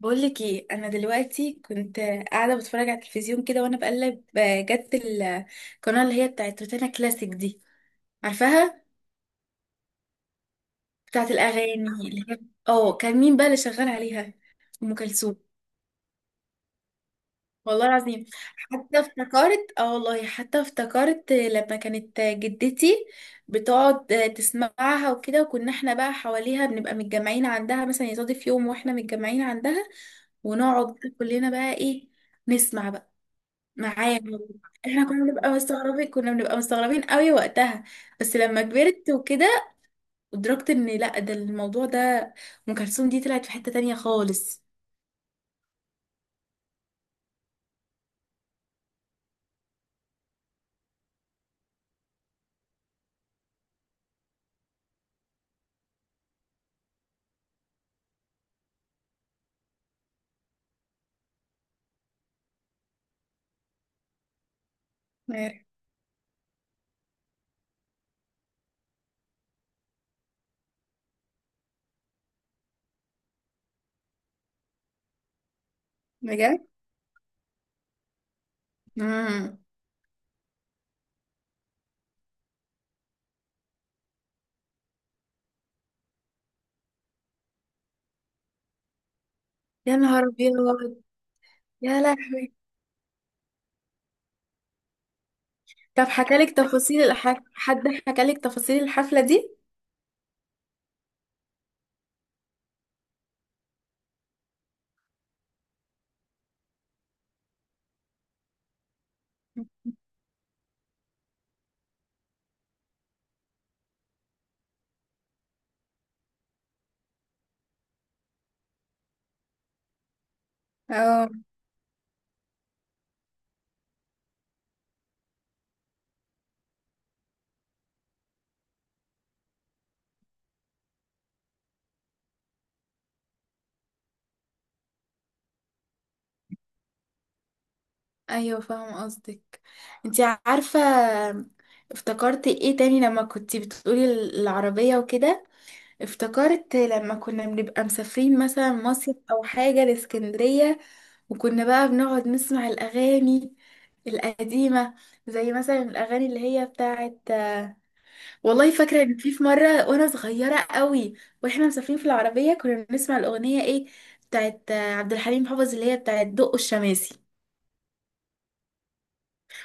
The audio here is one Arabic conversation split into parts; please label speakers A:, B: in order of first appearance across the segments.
A: بقولك ايه؟ انا دلوقتي كنت قاعده بتفرج على التلفزيون كده، وانا بقلب جت القناه اللي هي بتاعت روتانا كلاسيك دي. عارفاها؟ بتاعت الاغاني اللي هي، اه كان مين بقى اللي شغال عليها؟ ام كلثوم. والله العظيم. حتى افتكرت اه والله حتى افتكرت لما كانت جدتي بتقعد تسمعها وكده، وكنا احنا بقى حواليها بنبقى متجمعين عندها. مثلا يصادف يوم واحنا متجمعين عندها ونقعد كلنا بقى ايه، نسمع. معايا، احنا كنا بنبقى مستغربين قوي وقتها. بس لما كبرت وكده ادركت ان لا، ده الموضوع ده، ام كلثوم دي طلعت في حتة تانية خالص. عارف؟ بجد. امم يا نهار ابيض. يا لهوي. طب حكالك تفاصيل حد حكالك تفاصيل الحفلة دي؟ اه. ايوه، فاهمه قصدك. انت عارفه افتكرت ايه تاني لما كنتي بتقولي العربيه وكده؟ افتكرت لما كنا بنبقى مسافرين مثلا مصيف او حاجة لاسكندرية، وكنا بقى بنقعد نسمع الاغاني القديمة، زي مثلا الاغاني اللي هي بتاعت، والله فاكرة ان في مرة وانا صغيرة قوي واحنا مسافرين في العربية، كنا بنسمع الاغنية ايه، بتاعت عبد الحليم حافظ اللي هي بتاعت دق الشماسي،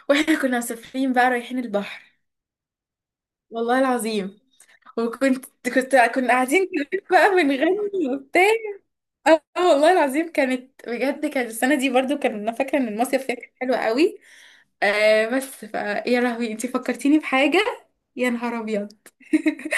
A: واحنا كنا مسافرين بقى رايحين البحر. والله العظيم. وكنت كنت كنا قاعدين كلنا بقى بنغني وبتاع. والله العظيم كانت بجد، كانت السنة دي برضو كان انا فاكرة ان المصيف فيها كان حلو قوي. بس يا لهوي، انتي فكرتيني بحاجة. يا نهار ابيض.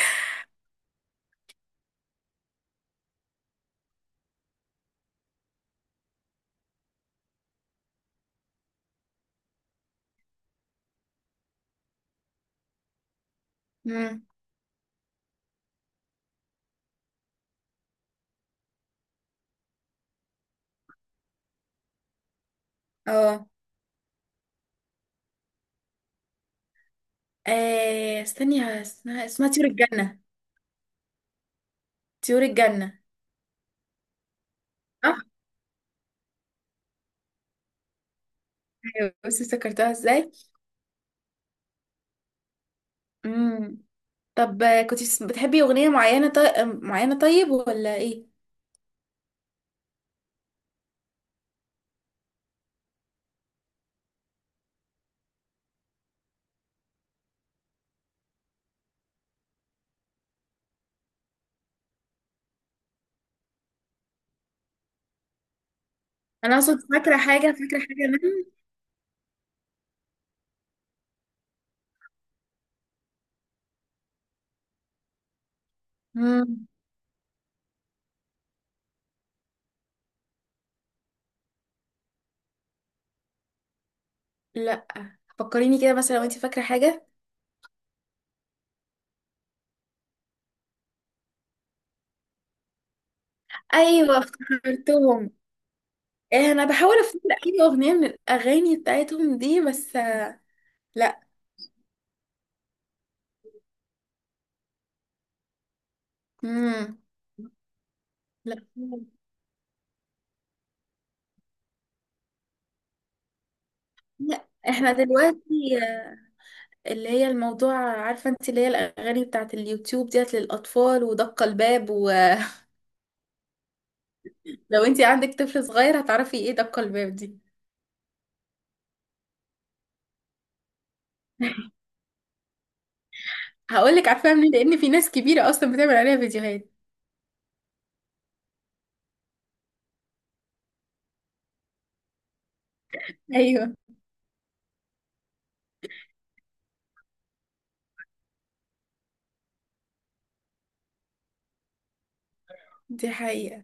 A: مم. اه استني، اسمها طيور الجنة. طيور الجنة. صح. ايوه بس افتكرتها ازاي؟ امم طب، كنت بتحبي اغنية معينة طيب ولا ايه؟ انا اقصد فاكرة حاجة منهم. امم لا، فكريني كده، مثلا لو انت فاكرة حاجة. ايوه، افتكرتهم. انا بحاول افتكر اي اغنيه من الاغاني بتاعتهم دي، بس لا. امم لا. لا احنا دلوقتي، اللي هي الموضوع، عارفه انت اللي هي الاغاني بتاعت اليوتيوب ديت للاطفال ودق الباب، ولو انت عندك طفل صغير هتعرفي ايه دق الباب دي. هقول لك عارفاها منين، لان في ناس كبيره اصلا بتعمل عليها فيديوهات. ايوه. دي حقيقه.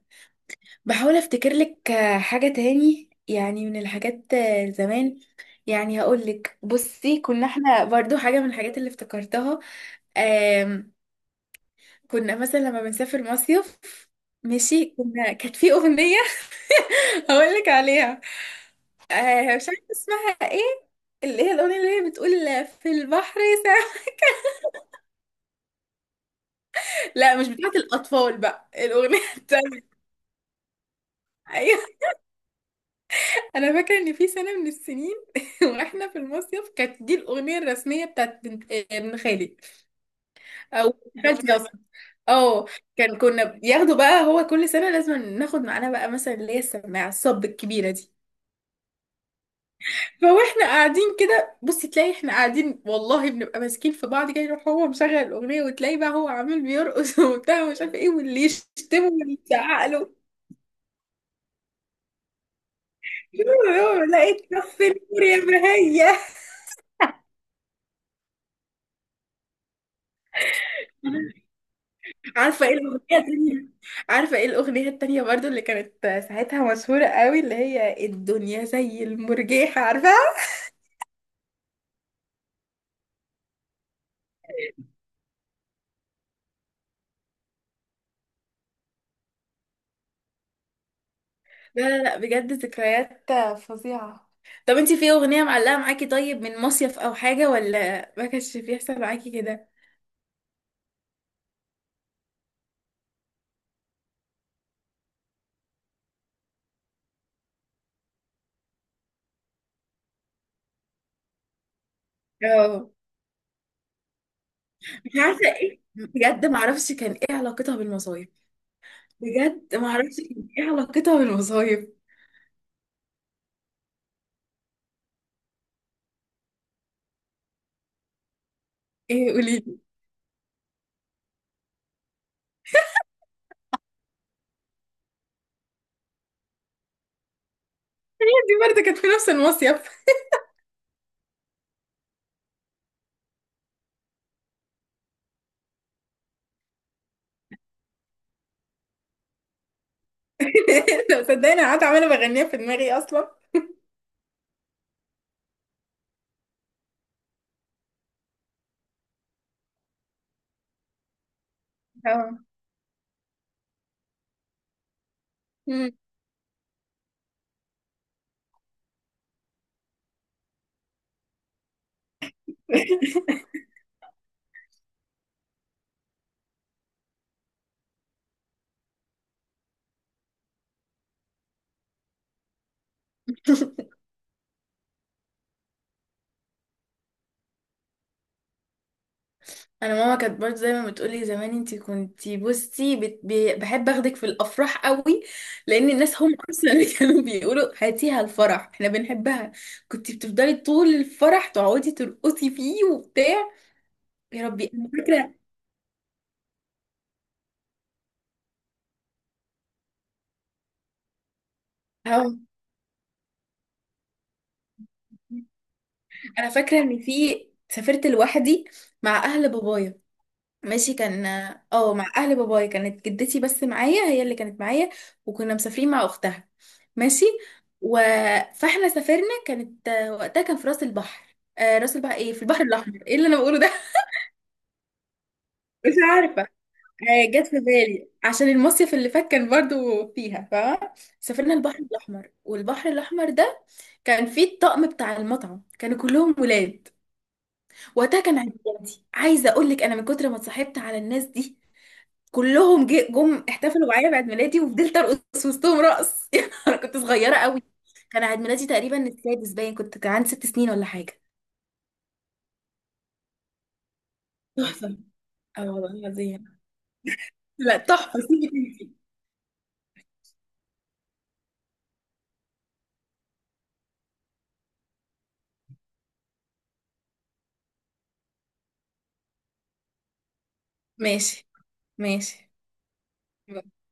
A: بحاول افتكر لك حاجة تاني، يعني من الحاجات زمان. يعني هقول لك، بصي، كنا احنا برضو حاجة من الحاجات اللي افتكرتها. آم، كنا مثلا لما بنسافر مصيف، ماشي، كانت في أغنية هقول لك عليها. مش عارفة اسمها ايه، اللي هي الأغنية اللي هي بتقول في البحر ساعة. لا مش بتاعت الأطفال، بقى الأغنية التانية. انا فاكره ان في سنه من السنين واحنا في المصيف كانت دي الاغنيه الرسميه بتاعت بنت آه، ابن خالي او خالتي الأغنية اصلا. اه. كنا بياخدوا بقى، هو كل سنه لازم ناخد معانا بقى مثلا اللي هي السماعه الصب الكبيره دي. فاحنا قاعدين كده بصي، تلاقي احنا قاعدين والله بنبقى ماسكين في بعض كده، يروح هو مشغل الاغنيه، وتلاقي بقى هو عامل بيرقص وبتاع ومش عارف ايه، واللي يشتمه واللي يزعق له. لا، اتكفي النور يا بهيه. عارفة ايه الأغنية التانية عارفة ايه الأغنية التانية برضو اللي كانت ساعتها مشهورة قوي، اللي هي الدنيا زي المرجيحة، عارفاها؟ لا لا لا، بجد ذكريات فظيعة. طب انتي في أغنية معلقة معاكي طيب من مصيف أو حاجة، ولا ما كانش بيحصل معاكي كده؟ اه، مش عارفة ايه، بجد معرفش كان ايه علاقتها بالمصايف. ايه؟ قوليلي. دي برضه كانت في نفس المصيف. لو صدقني، أنا قاعدة عمالة بغنيها في دماغي أصلا. اه. انا ماما كانت برضه دايما بتقولي زمان، انتي كنتي، بصي، بحب اخدك في الافراح قوي لان الناس هم اصلا اللي كانوا بيقولوا هاتيها الفرح احنا بنحبها. كنتي بتفضلي طول الفرح تقعدي ترقصي فيه وبتاع. يا ربي. انا فاكره أهو. انا فاكره ان سافرت لوحدي مع اهل بابايا، ماشي. كان اه مع اهل بابايا كانت جدتي بس معايا، هي اللي كانت معايا، وكنا مسافرين مع اختها، ماشي. و... فاحنا سافرنا، وقتها كان في راس البحر آه راس البحر ايه في البحر الاحمر، ايه اللي انا بقوله ده؟ مش عارفه. جت في بالي عشان المصيف اللي فات كان برضو فيها، فاهمه؟ سافرنا البحر الاحمر، والبحر الاحمر ده كان فيه الطقم بتاع المطعم كانوا كلهم ولاد. وقتها كان عيد ميلادي، عايزه اقول لك، انا من كتر ما اتصاحبت على الناس دي كلهم جم احتفلوا معايا بعيد ميلادي، وفضلت ارقص وسطهم رقص يعني انا كنت صغيره قوي. كان عيد ميلادي تقريبا السادس، باين كان عندي 6 سنين ولا حاجه. تحفه. اه والله العظيم. لا تحفه، سيبك انتي. ماشي ماشي.